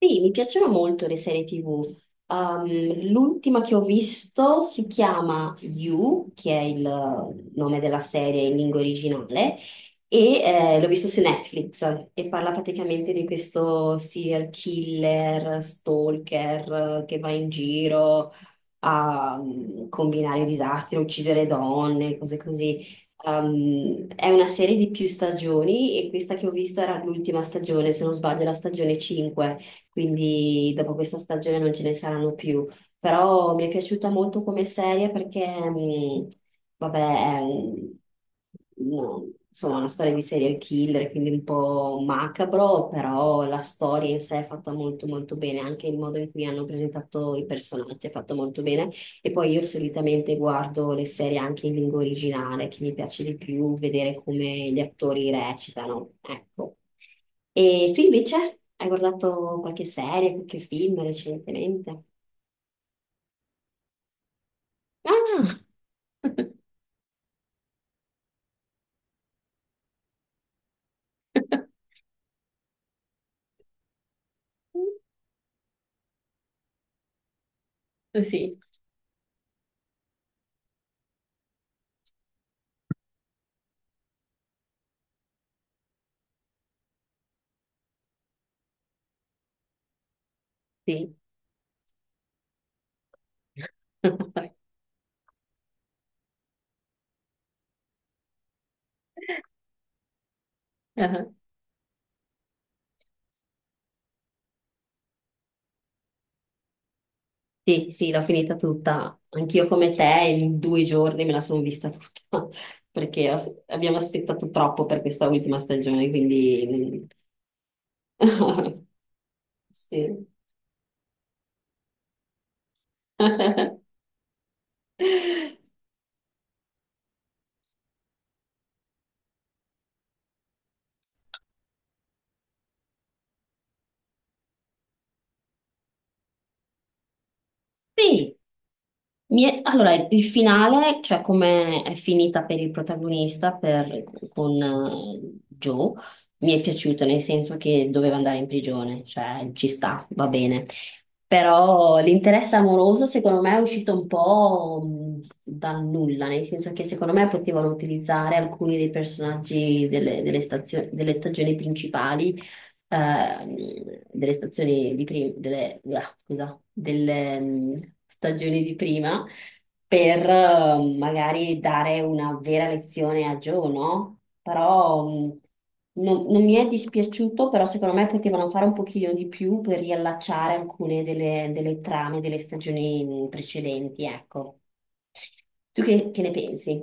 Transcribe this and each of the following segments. Sì, mi piacciono molto le serie TV. L'ultima che ho visto si chiama You, che è il nome della serie in lingua originale, e l'ho visto su Netflix e parla praticamente di questo serial killer, stalker che va in giro a combinare disastri, a uccidere donne, cose così. È una serie di più stagioni e questa che ho visto era l'ultima stagione, se non sbaglio, la stagione 5, quindi dopo questa stagione non ce ne saranno più. Però mi è piaciuta molto come serie perché mm, vabbè, no, insomma, una storia di serial killer, quindi un po' macabro, però la storia in sé è fatta molto molto bene, anche il modo in cui hanno presentato i personaggi è fatto molto bene. E poi io solitamente guardo le serie anche in lingua originale, che mi piace di più vedere come gli attori recitano, ecco. E tu invece hai guardato qualche serie, qualche film recentemente? Ah! Sì, sì. Ah, sì, sì, l'ho finita tutta. Anch'io come te in 2 giorni me la sono vista tutta, perché abbiamo aspettato troppo per questa ultima stagione, quindi... Sì. Sì. Allora, il finale, cioè come è finita per il protagonista, con Joe, mi è piaciuto nel senso che doveva andare in prigione, cioè ci sta, va bene. Però l'interesse amoroso secondo me è uscito un po' dal nulla, nel senso che secondo me potevano utilizzare alcuni dei personaggi delle delle stagioni principali ehm, delle stazioni di prima, delle, ah, scusa, delle stagioni di prima per magari dare una vera lezione a Joe, no? Però non mi è dispiaciuto, però secondo me potevano fare un pochino di più per riallacciare alcune delle trame delle stagioni precedenti, ecco. Tu che ne pensi?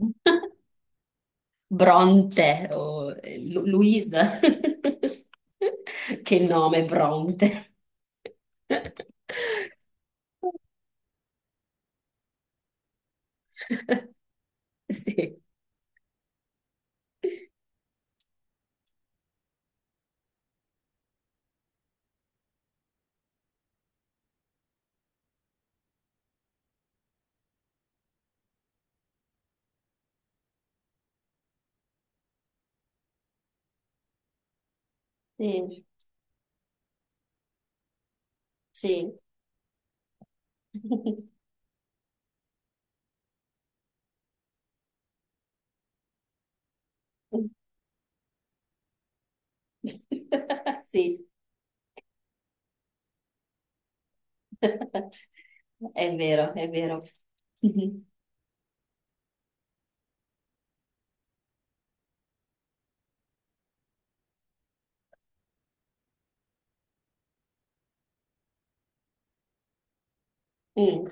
Bronte o Luisa. Che nome, Bronte. Sì, sì, sì. Sì, è vero, è vero. Mm,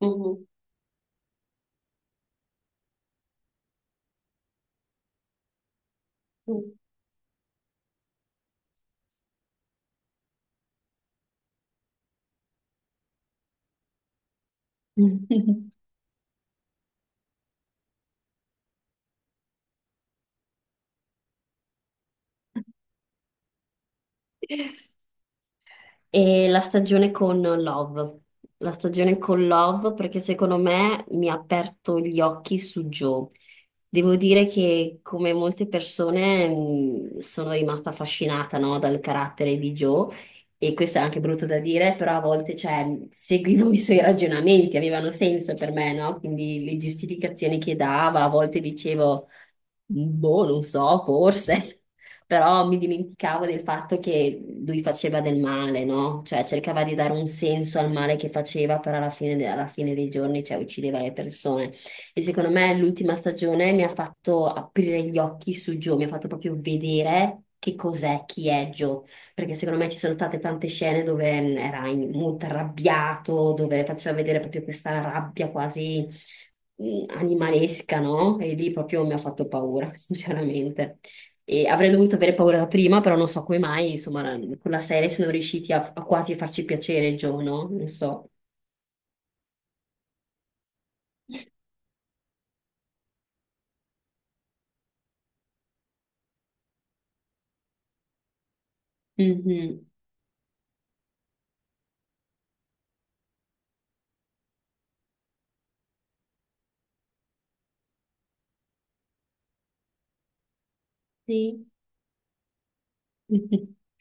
mm, mm. E la stagione con Love, la stagione con Love perché secondo me mi ha aperto gli occhi su Joe. Devo dire che come molte persone sono rimasta affascinata, no, dal carattere di Joe e questo è anche brutto da dire, però a volte cioè, seguivo i suoi ragionamenti, avevano senso per me, no? Quindi le giustificazioni che dava, a volte dicevo, boh, non so, forse. Però mi dimenticavo del fatto che lui faceva del male, no? Cioè cercava di dare un senso al male che faceva, però alla fine, alla fine dei giorni, cioè, uccideva le persone. E secondo me l'ultima stagione mi ha fatto aprire gli occhi su Joe, mi ha fatto proprio vedere che cos'è, chi è Joe, perché secondo me ci sono state tante scene dove era molto arrabbiato, dove faceva vedere proprio questa rabbia quasi animalesca, no? E lì proprio mi ha fatto paura, sinceramente. E avrei dovuto avere paura da prima, però non so come mai, insomma, con la serie sono riusciti a quasi farci piacere il giorno, non so. Mhm. Sì.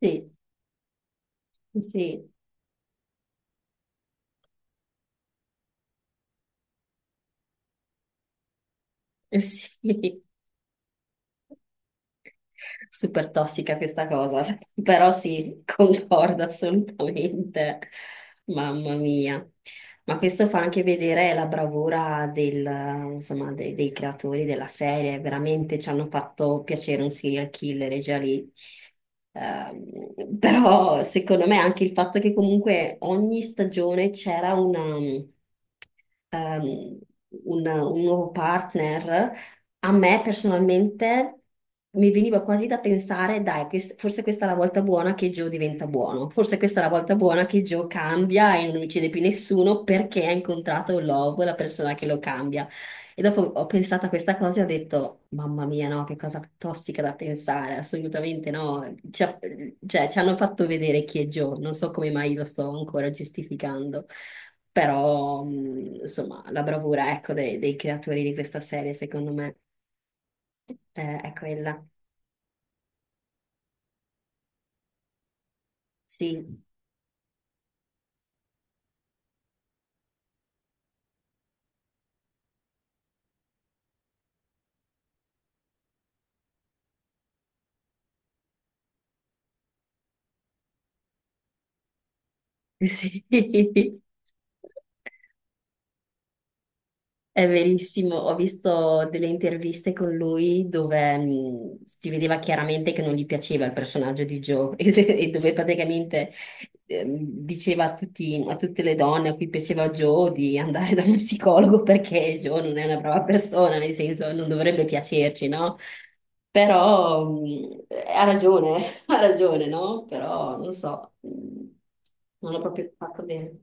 Sì, sì, sì. Super tossica questa cosa, però sì, concordo assolutamente. Mamma mia. Ma questo fa anche vedere la bravura del, insomma, dei creatori della serie, veramente ci hanno fatto piacere un serial killer e già lì. Però secondo me anche il fatto che comunque ogni stagione c'era una, ehm, un nuovo partner a me personalmente mi veniva quasi da pensare, dai, forse questa è la volta buona che Joe diventa buono, forse questa è la volta buona che Joe cambia e non uccide più nessuno perché ha incontrato Love, la persona che lo cambia. E dopo ho pensato a questa cosa e ho detto, mamma mia, no, che cosa tossica da pensare, assolutamente no. Cioè, ci hanno fatto vedere chi è Joe, non so come mai lo sto ancora giustificando. Però, insomma, la bravura, ecco, dei creatori di questa serie, secondo me. È quella. Sì, sì. È verissimo, ho visto delle interviste con lui dove si vedeva chiaramente che non gli piaceva il personaggio di Joe e dove praticamente diceva a tutte le donne a cui piaceva Joe di andare da uno psicologo perché Joe non è una brava persona, nel senso non dovrebbe piacerci, no? Però ha ragione, ha ragione, no? Però non so, non l'ho proprio fatto bene.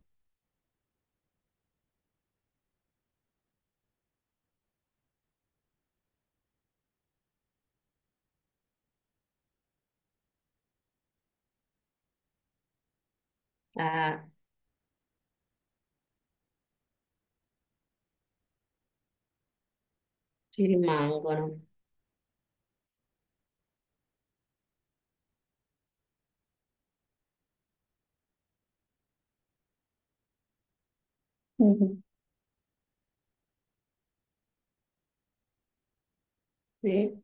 Ah, ci rimangono. Mhm. Sì.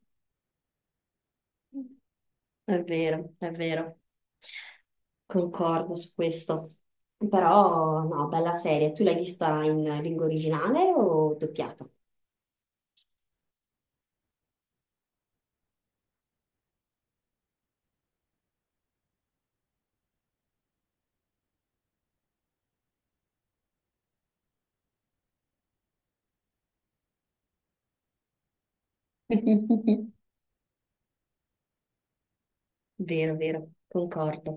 È vero, concordo su questo. Però, no, bella serie. Tu l'hai vista in lingua originale o doppiata? Vero, vero, concordo.